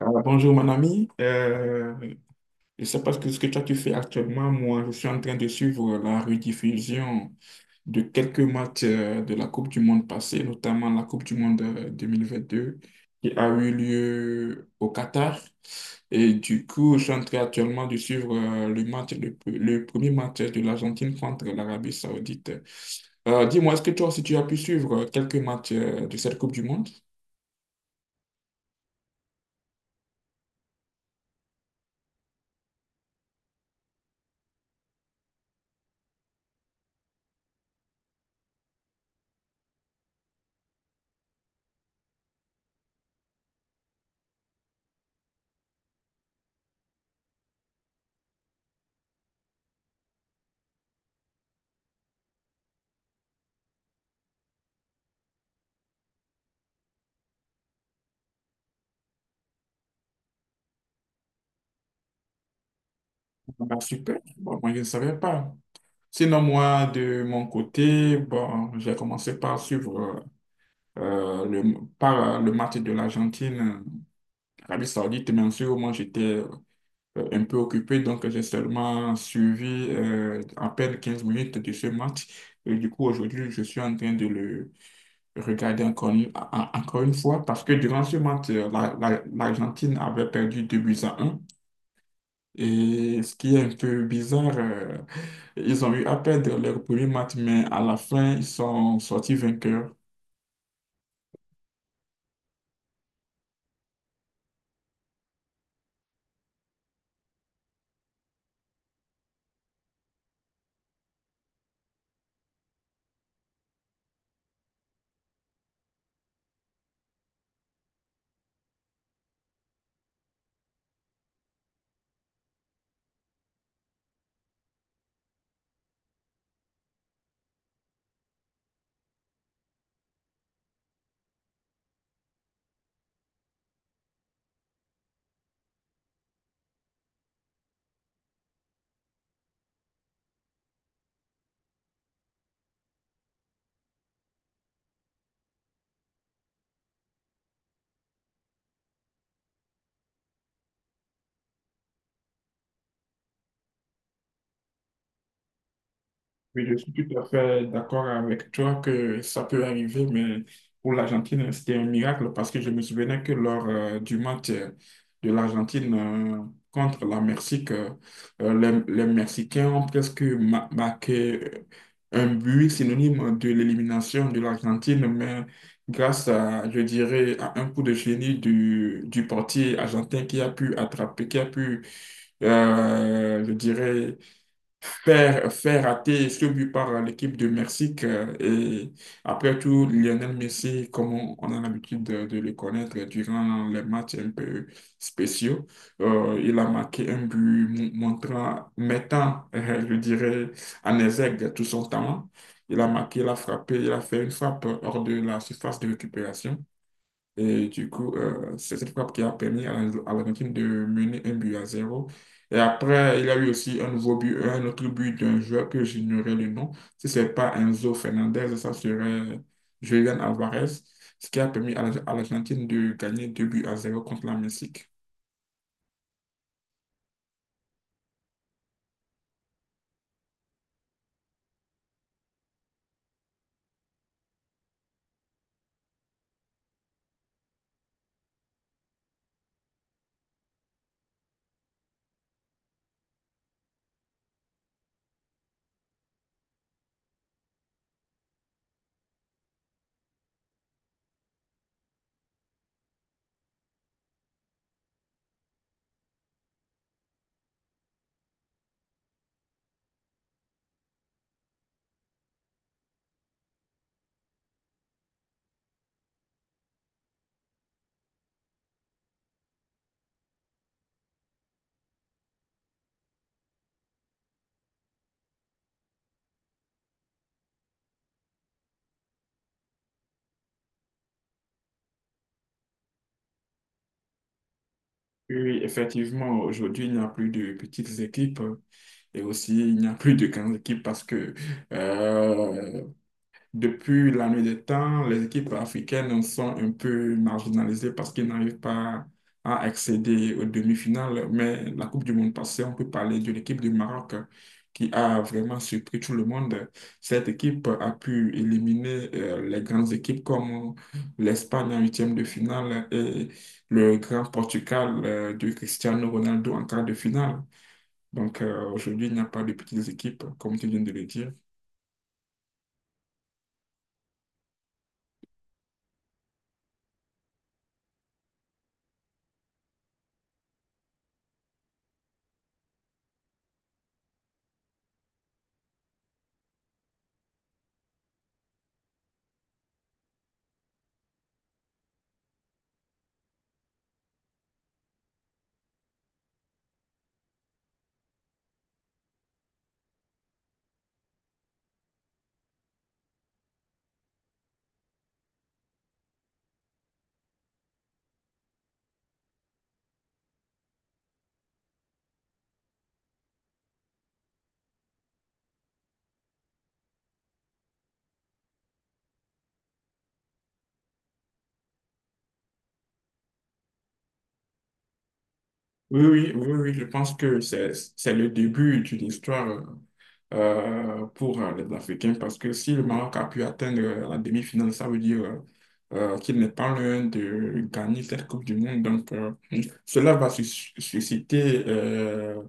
Alors, bonjour mon ami. Je ne sais pas ce que toi tu fais actuellement. Moi, je suis en train de suivre la rediffusion de quelques matchs de la Coupe du Monde passée, notamment la Coupe du Monde 2022 qui a eu lieu au Qatar. Et du coup, je suis en train actuellement de suivre le premier match de l'Argentine contre l'Arabie Saoudite. Dis-moi, est-ce que toi aussi tu as pu suivre quelques matchs de cette Coupe du Monde? Ah, super. Bon, moi je ne savais pas. Sinon, moi, de mon côté, bon, j'ai commencé par suivre le match de l'Argentine, Arabie Saoudite, bien sûr. Moi, j'étais un peu occupé, donc j'ai seulement suivi à peine 15 minutes de ce match. Et du coup, aujourd'hui, je suis en train de le regarder encore une fois parce que durant ce match, l'Argentine avait perdu 2 buts à 1, et ce qui est un peu bizarre, ils ont eu à perdre leur premier match, mais à la fin, ils sont sortis vainqueurs. Oui, je suis tout à fait d'accord avec toi que ça peut arriver, mais pour l'Argentine, c'était un miracle parce que je me souvenais que lors du match de l'Argentine contre la Mexique, euh, les Mexicains ont presque marqué un but synonyme de l'élimination de l'Argentine, mais grâce à, je dirais, à un coup de génie du portier argentin qui a pu attraper, qui a pu, je dirais, faire rater ce but par l'équipe de Mexique. Et après tout, Lionel Messi, comme on a l'habitude de le connaître durant les matchs un peu spéciaux, il a marqué un but montrant, mettant, je dirais, en exergue tout son talent. Il a marqué, il a frappé, il a fait une frappe hors de la surface de récupération. Et du coup, c'est cette frappe qui a permis à à l'Argentine de mener 1 but à 0. Et après, il y a eu aussi un nouveau but, un autre but d'un joueur que j'ignorais le nom. Si ce n'est pas Enzo Fernandez, ça serait Julian Alvarez, ce qui a permis à à l'Argentine de gagner 2 buts à 0 contre la Mexique. Oui, oui, effectivement, aujourd'hui, il n'y a plus de petites équipes. Et aussi, il n'y a plus de grandes équipes parce que euh, depuis la nuit des temps, les équipes africaines sont un peu marginalisées parce qu'ils n'arrivent pas à accéder aux demi-finales. Mais la Coupe du Monde passée, on peut parler de l'équipe du Maroc qui a vraiment surpris tout le monde. Cette équipe a pu éliminer les grandes équipes comme l'Espagne en huitième de finale et le grand Portugal de Cristiano Ronaldo en quart de finale. Donc aujourd'hui, il n'y a pas de petites équipes, comme tu viens de le dire. Oui, oui, oui, oui, je pense que c'est le début d'une histoire pour les Africains parce que si le Maroc a pu atteindre la demi-finale, ça veut dire qu'il n'est pas loin de gagner cette Coupe du Monde. Donc, cela va susciter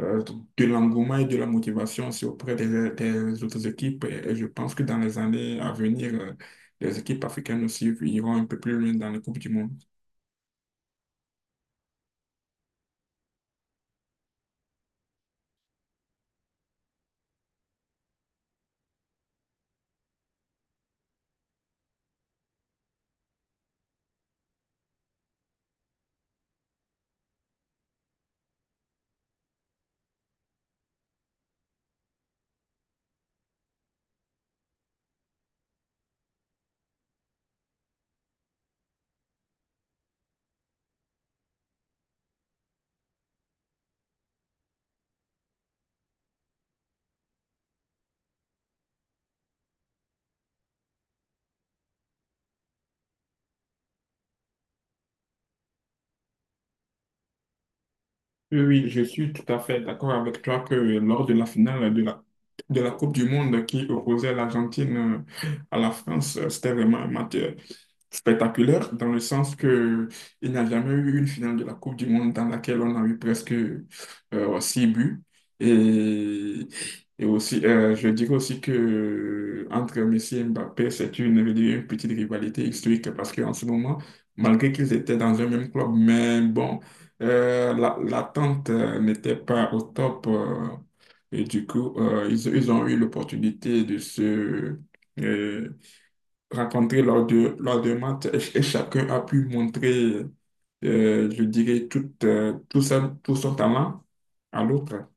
euh, de l'engouement et de la motivation aussi auprès des autres équipes. Et je pense que dans les années à venir, les équipes africaines aussi iront un peu plus loin dans les Coupes du Monde. Oui, oui, je suis tout à fait d'accord avec toi que lors de la finale de la Coupe du Monde qui opposait l'Argentine à la France. C'était vraiment un match spectaculaire dans le sens que il n'y a jamais eu une finale de la Coupe du Monde dans laquelle on a eu presque 6 buts. Et, et aussi, je dirais aussi que entre Messi et Mbappé, c'est une, je dirais une petite rivalité historique parce qu'en ce moment, malgré qu'ils étaient dans un même club, mais bon, l'attente n'était pas au top. Et du coup, ils ont eu l'opportunité de se, euh, rencontrés lors de match, et chacun a pu montrer, je dirais, tout son talent à l'autre.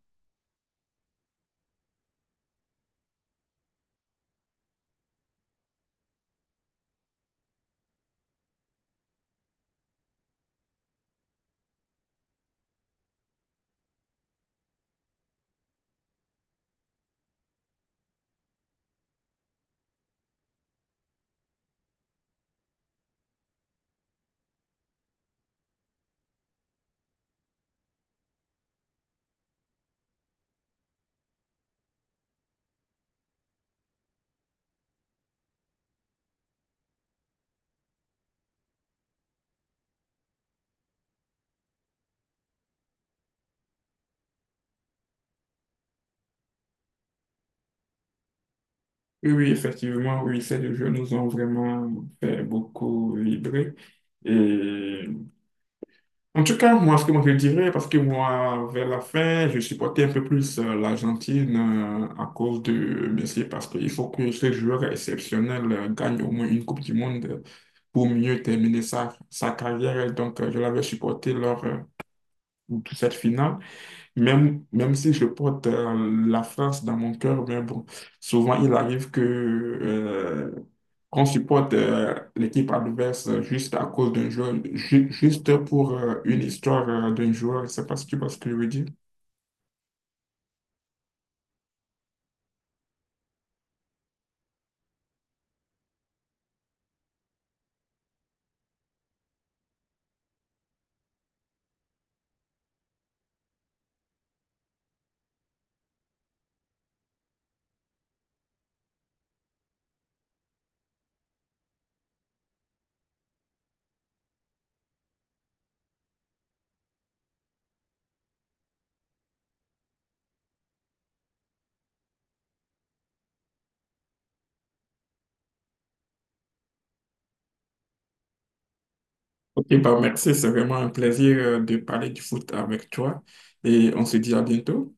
Oui, oui, effectivement, oui, ces deux jeux nous ont vraiment fait beaucoup vibrer. Et en tout cas, moi, ce que moi je dirais, parce que moi, vers la fin, je supportais un peu plus l'Argentine à cause de Messi, parce qu'il faut que ce joueur exceptionnel gagne au moins une Coupe du Monde pour mieux terminer sa, sa carrière. Et donc, je l'avais supporté lors de toute cette finale, même, même si je porte la France dans mon cœur, mais bon, souvent il arrive que qu'on supporte l'équipe adverse juste à cause d'un joueur, juste pour une histoire d'un joueur. Je ne sais pas si tu vois ce que je veux dire. Ok, bah merci, c'est vraiment un plaisir de parler du foot avec toi, et on se dit à bientôt.